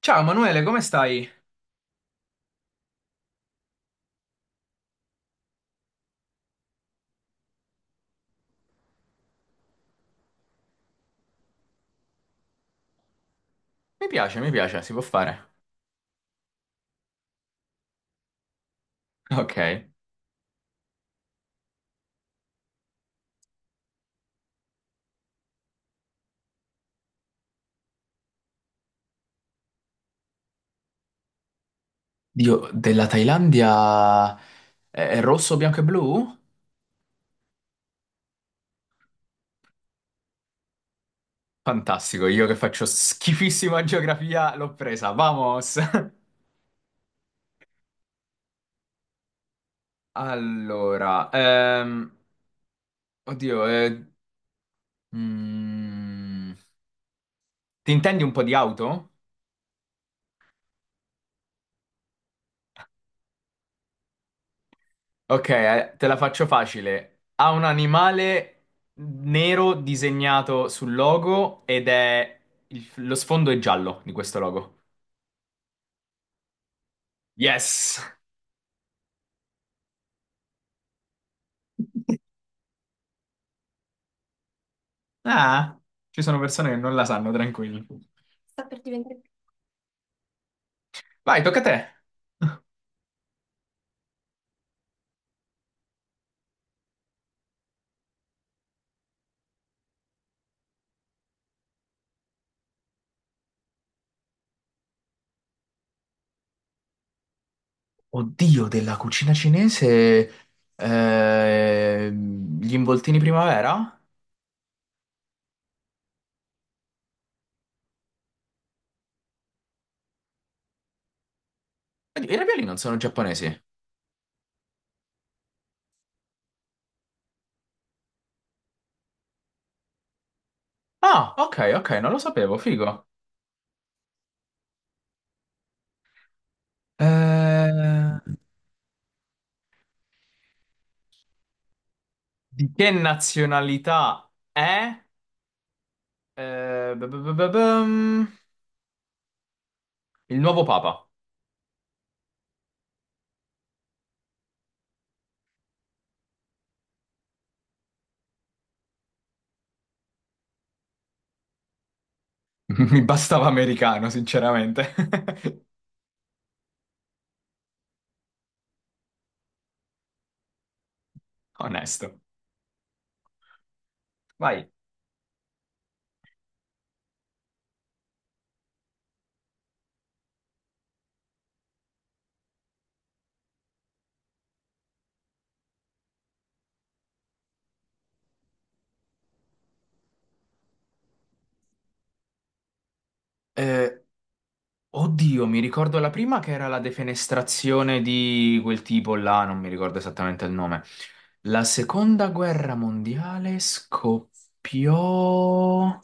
Ciao Manuele, come stai? Mi piace, si può fare. Ok. Dio, della Thailandia è rosso, bianco e blu? Fantastico, io che faccio schifissima geografia l'ho presa, vamos! Allora, oddio, mm, ti intendi un po' di auto? Ok, te la faccio facile. Ha un animale nero disegnato sul logo ed è lo sfondo è giallo di questo logo. Yes! Ah, ci sono persone che non la sanno, tranquilli. Vai, tocca a te. Oddio, della cucina cinese, gli involtini primavera? Oddio, I ravioli non sono giapponesi. Ah, ok, ok, non lo sapevo, figo. Eh, di che nazionalità è? Bum, il nuovo papa. Mi bastava americano, sinceramente. Onesto. Vai. Oddio, mi ricordo la prima che era la defenestrazione di quel tipo là, non mi ricordo esattamente il nome. La seconda guerra mondiale scoppiò.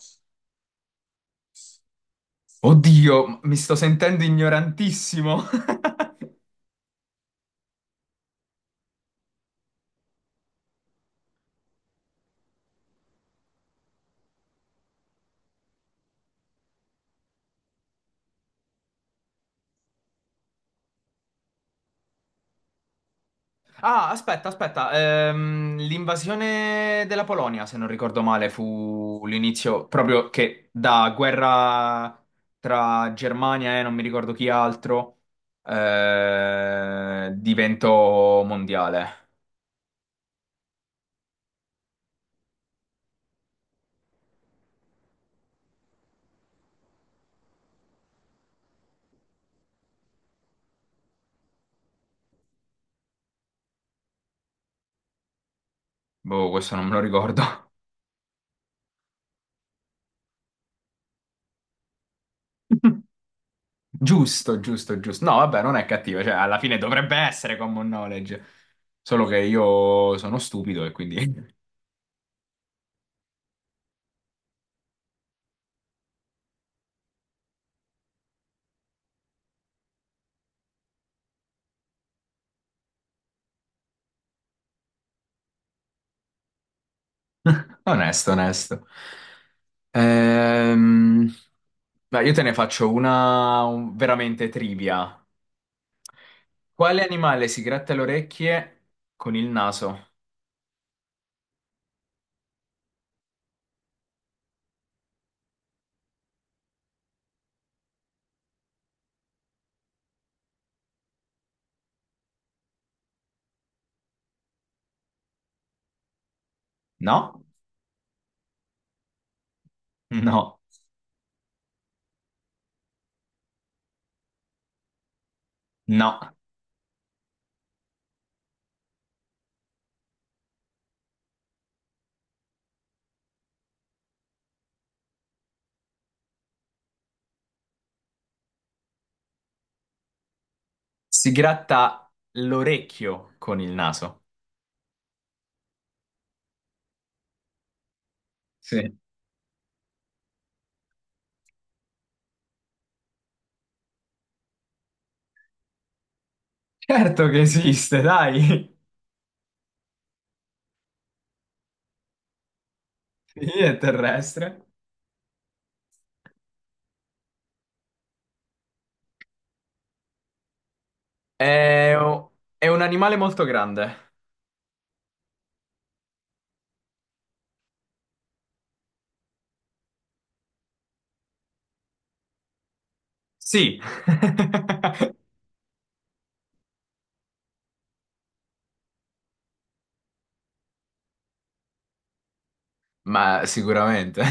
Oddio, mi sto sentendo ignorantissimo. Ah, aspetta, aspetta. L'invasione della Polonia, se non ricordo male, fu l'inizio proprio che da guerra tra Germania e non mi ricordo chi altro diventò mondiale. Boh, questo non me lo ricordo. Giusto, giusto, giusto. No, vabbè, non è cattivo, cioè alla fine dovrebbe essere common knowledge, solo che io sono stupido e quindi onesto, onesto. Ehm, Dai, io te ne faccio una veramente trivia. Quale animale si gratta le orecchie con il naso? No, no, no. Si gratta l'orecchio con il naso. Sì. Certo che esiste, dai. Sì, è terrestre. È, è un animale molto grande. Sì. Ma sicuramente.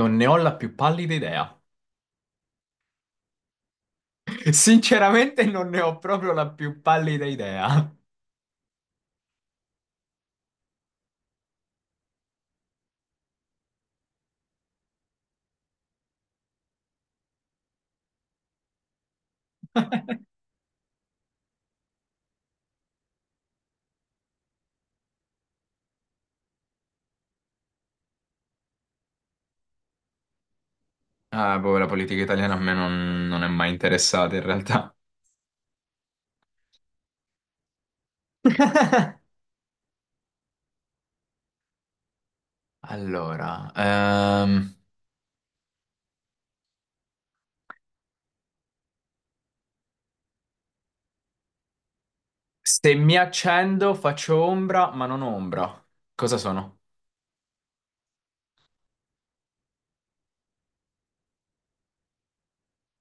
Non ne ho la più pallida idea. Sinceramente non ne ho proprio la più pallida idea. Ah, boh, la politica italiana a me non è mai interessata in realtà. Allora, se mi accendo faccio ombra, ma non ho ombra. Cosa sono?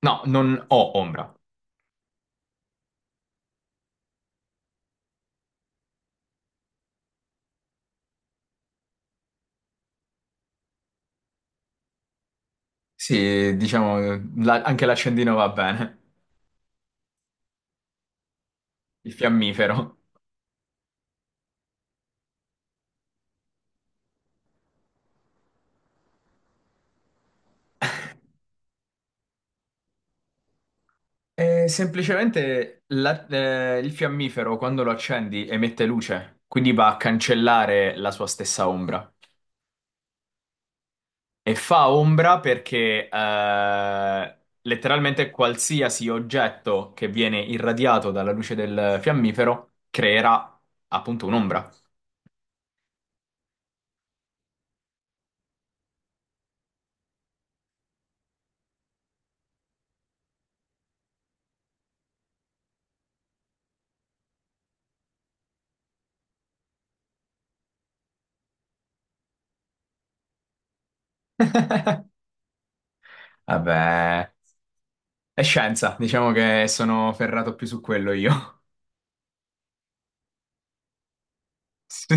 No, non ho ombra. Sì, diciamo, anche l'accendino va bene. Il fiammifero. Semplicemente il fiammifero quando lo accendi emette luce, quindi va a cancellare la sua stessa ombra. E fa ombra perché letteralmente qualsiasi oggetto che viene irradiato dalla luce del fiammifero creerà appunto un'ombra. Vabbè, è scienza, diciamo che sono ferrato più su quello io. Sì,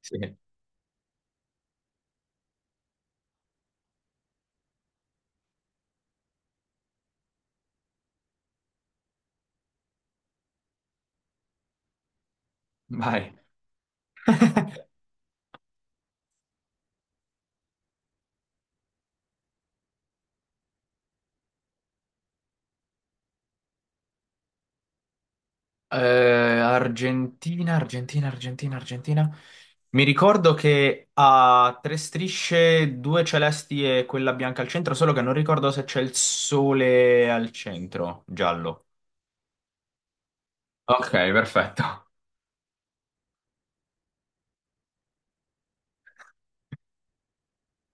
sì, vai. Eh, Argentina, Argentina, Argentina, Argentina. Mi ricordo che ha tre strisce, due celesti e quella bianca al centro, solo che non ricordo se c'è il sole al centro, giallo. Ok, perfetto.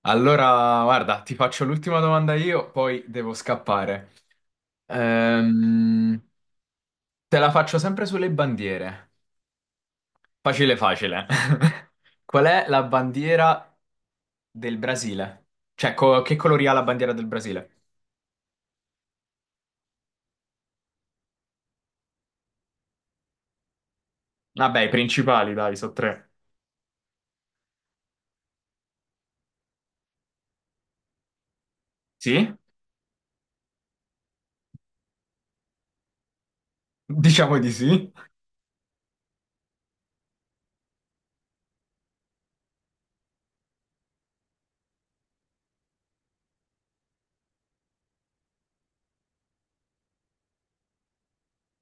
Allora, guarda, ti faccio l'ultima domanda io, poi devo scappare. Ehm, te la faccio sempre sulle bandiere. Facile, facile. Qual è la bandiera del Brasile? Cioè, che colori ha la bandiera del Brasile? Vabbè, i principali, dai, so tre. Sì? Diciamo di sì.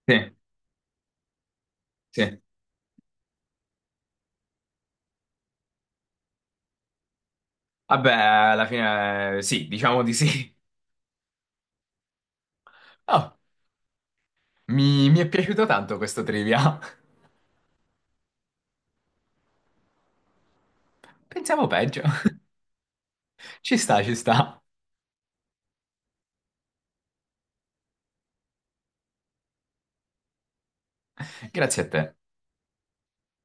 Sì, sì. Vabbè, alla fine sì, diciamo di sì. Ah, mi è piaciuto tanto questo trivia. Pensiamo peggio. Ci sta, ci sta. Grazie a te.